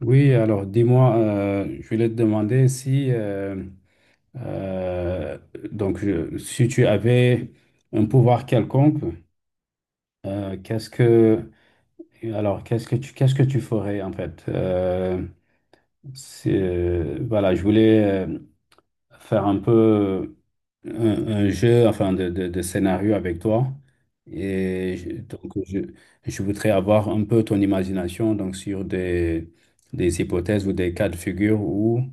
Oui, alors dis-moi, je voulais te demander si, euh, si tu avais un pouvoir quelconque. euh, qu'est-ce que, qu'est-ce que qu'est-ce que tu ferais en fait? Voilà, je voulais faire un peu un jeu, enfin, de scénario avec toi. Et je- donc, je, je voudrais avoir un peu ton imagination, donc, sur des hypothèses ou des cas de figure où,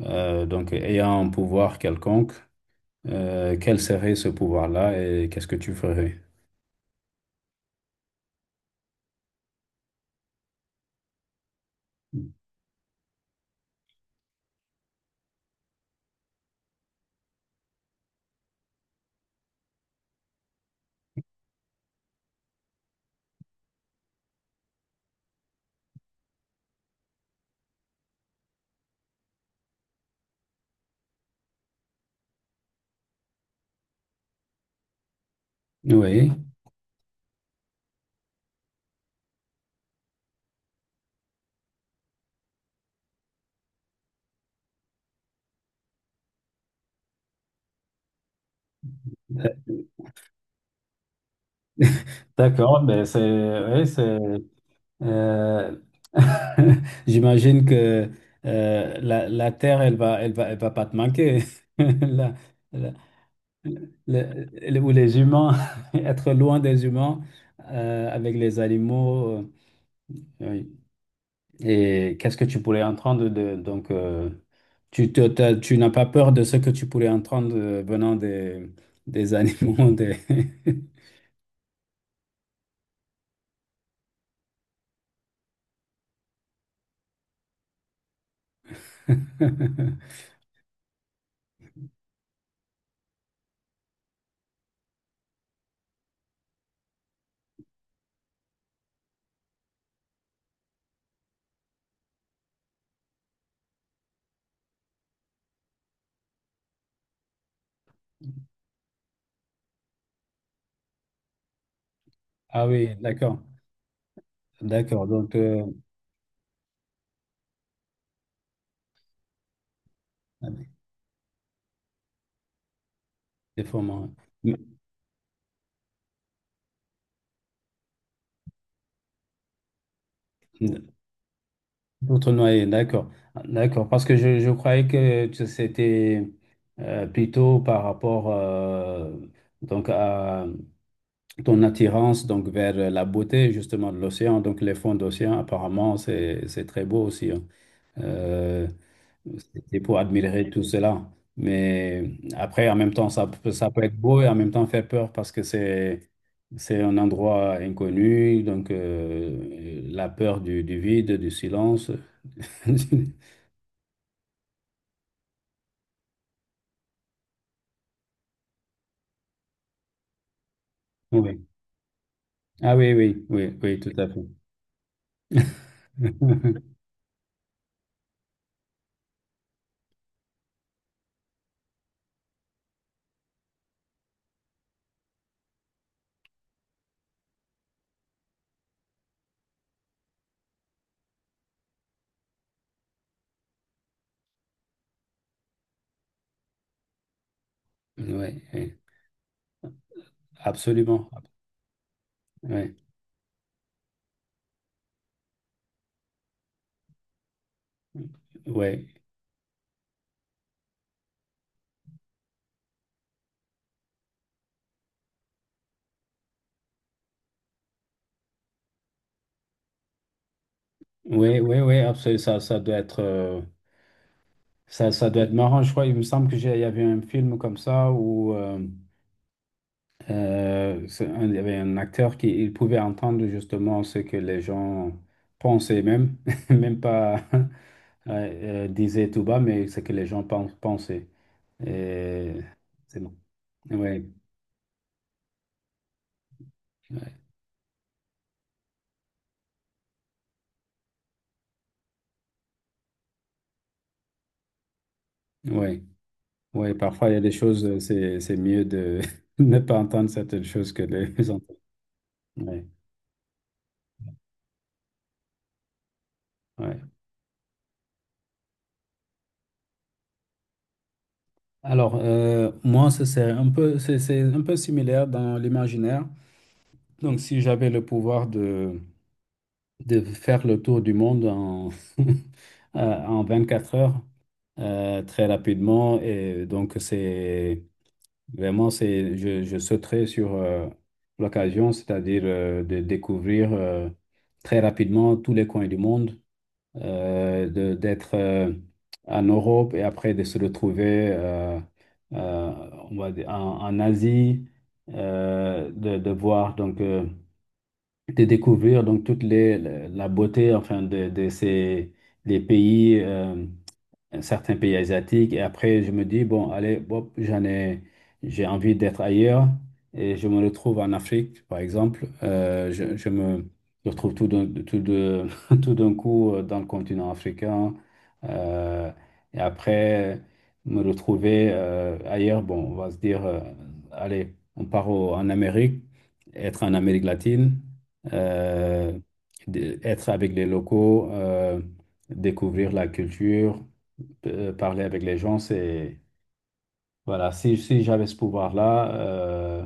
donc, ayant un pouvoir quelconque, quel serait ce pouvoir-là et qu'est-ce que tu ferais? Oui, d'accord, mais c'est oui, c'est Euh, J'imagine que la terre, elle va pas te manquer. La- la- ou les humains, être loin des humains, avec les animaux. Oui. Et qu'est-ce que tu pourrais entendre de, donc tu te- t'as- Tu n'as pas peur de ce que tu pourrais entendre, venant des animaux, des- Ah oui, d'accord, d'accord. Des fois, moi, d'autres noyer, d'accord. D'accord, parce que je croyais que c'était plutôt par rapport, donc, à ton attirance, donc, vers la beauté justement de l'océan. Donc les fonds d'océan, apparemment, c'est très beau aussi, hein. Euh, C'était pour admirer tout cela. Mais après, en même temps, ça peut être beau et en même temps faire peur, parce que c'est un endroit inconnu. Donc, la peur du vide, du silence. Oui. Ah oui, oui, oui, oui, tout à fait. Oui, oui, absolument. Oui, oui, oui, oui, oui, absolument. Ça doit être, ça doit être marrant. Je crois, il me semble que il y avait un film comme ça où c'est un- il y avait un acteur qui il pouvait entendre justement ce que les gens pensaient, même, même pas disaient tout bas, mais ce que les gens pensaient. Et c'est bon. Oui, oui. Oui, parfois il y a des choses, c'est mieux de ne pas entendre certaines choses que de les entendre. Ouais, ouais. Alors, moi, ce serait un peu, c'est un peu similaire dans l'imaginaire. Donc, si j'avais le pouvoir de faire le tour du monde en, en 24 heures, très rapidement. Et donc c'est vraiment, c'est, je sauterais sur, l'occasion, c'est-à-dire, de découvrir, très rapidement tous les coins du monde, d'être, en Europe, et après de se retrouver, on va dire en Asie, de voir, donc, de découvrir donc la beauté, enfin, de ces des pays. Certains pays asiatiques. Et après, je me dis, bon, allez, bon, j'ai envie d'être ailleurs. Et je me retrouve en Afrique, par exemple. Je me retrouve tout d'un tout de, tout d'un coup, dans le continent africain. Euh, et après, me retrouver, ailleurs. Bon, on va se dire, allez, on part en Amérique, être en Amérique latine, euh, être avec les locaux. Découvrir la culture, parler avec les gens, c'est... Voilà, si j'avais ce pouvoir-là,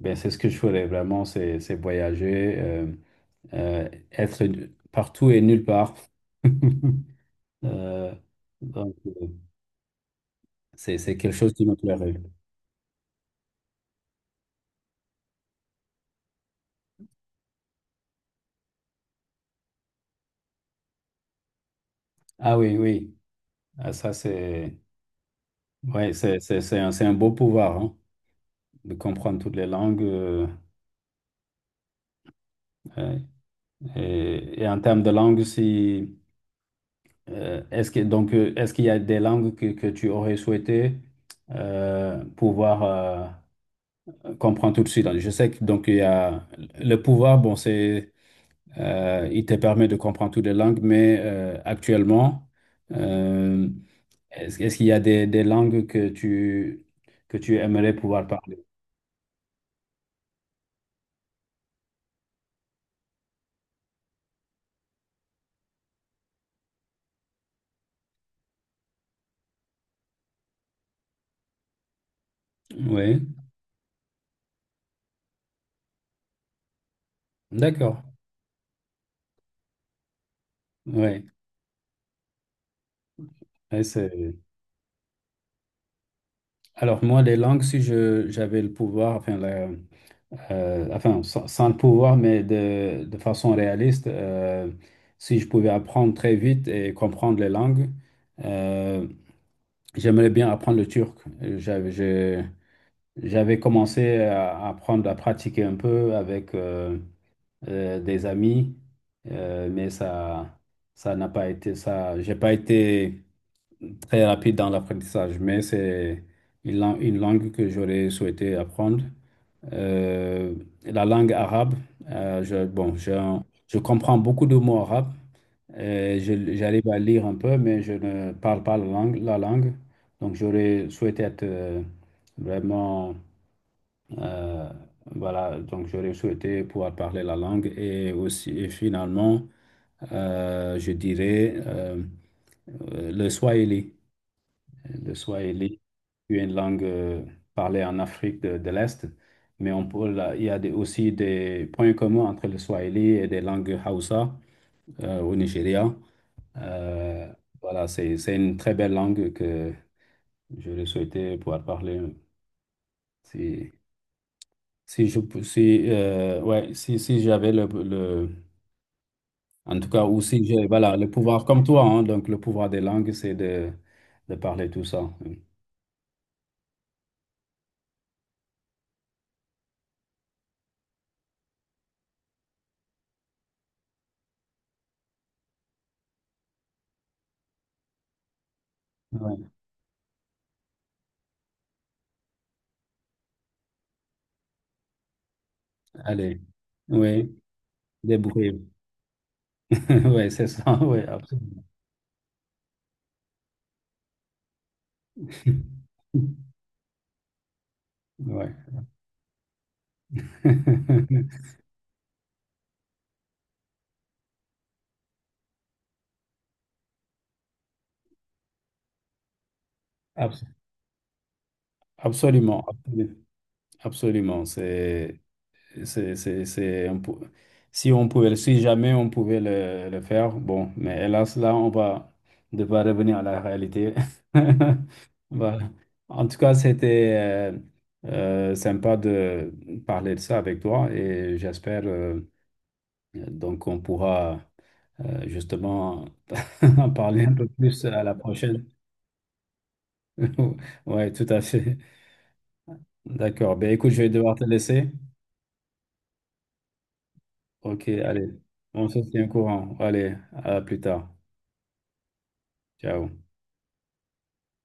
ben c'est ce que je ferais vraiment, c'est voyager, être partout et nulle part. Euh, donc, euh, c'est quelque chose qui me plairait. Ah oui, oui, ah, ça c'est... Ouais, c'est un beau pouvoir, hein, de comprendre toutes les langues. Ouais. Et en termes de langue, si... Est-ce que, donc, est-ce qu'il y a des langues que tu aurais souhaité, pouvoir, comprendre tout de suite? Je sais que donc il y a le pouvoir, bon, c'est il te permet de comprendre toutes les langues, mais, actuellement, euh, est-ce qu'il y a des langues que tu, que tu aimerais pouvoir parler? Oui, d'accord. Oui. Ouais, c'est- Alors moi, les langues, si je j'avais le pouvoir, enfin la- enfin, sans le pouvoir, mais de façon réaliste, si je pouvais apprendre très vite et comprendre les langues, euh, j'aimerais bien apprendre le turc. J'avais, je- J'avais commencé à apprendre, à pratiquer un peu avec, des amis, mais ça n'a pas été ça. J'ai pas été très rapide dans l'apprentissage, mais c'est une langue que j'aurais souhaité apprendre, euh, la langue arabe. Bon, je comprends beaucoup de mots arabes. J'arrive à lire un peu, mais je ne parle pas la langue. Donc, j'aurais souhaité être, vraiment. euh, voilà, donc j'aurais souhaité pouvoir parler la langue. Et aussi, et finalement, je dirais le swahili. Le Swahili est une langue, parlée en Afrique de l'Est. Mais on peut, là, il y a des- aussi des points communs entre le Swahili et des langues Hausa, au Nigeria. Euh, voilà, c'est une très belle langue que j'aurais souhaité pouvoir parler. Si, si je, pou- si, ouais, si, Si j'avais en tout cas, ou si j'ai, voilà, le pouvoir comme toi, hein, donc le pouvoir des langues, c'est de parler tout ça. Ouais, allez, oui, débrouillez. Ouais, c'est ça, ouais, absolument. Ouais. Abs- Absolument, absolument. C'est un pou- si on pouvait, si jamais on pouvait le faire, bon, mais hélas, là, on va devoir revenir à la réalité. Voilà. En tout cas, c'était, sympa de parler de ça avec toi, et j'espère, donc, on pourra, justement en parler un peu plus à la prochaine. Ouais, tout à fait. D'accord. Ben, écoute, je vais devoir te laisser. Ok, allez. On se tient au courant. Allez, à plus tard. Ciao.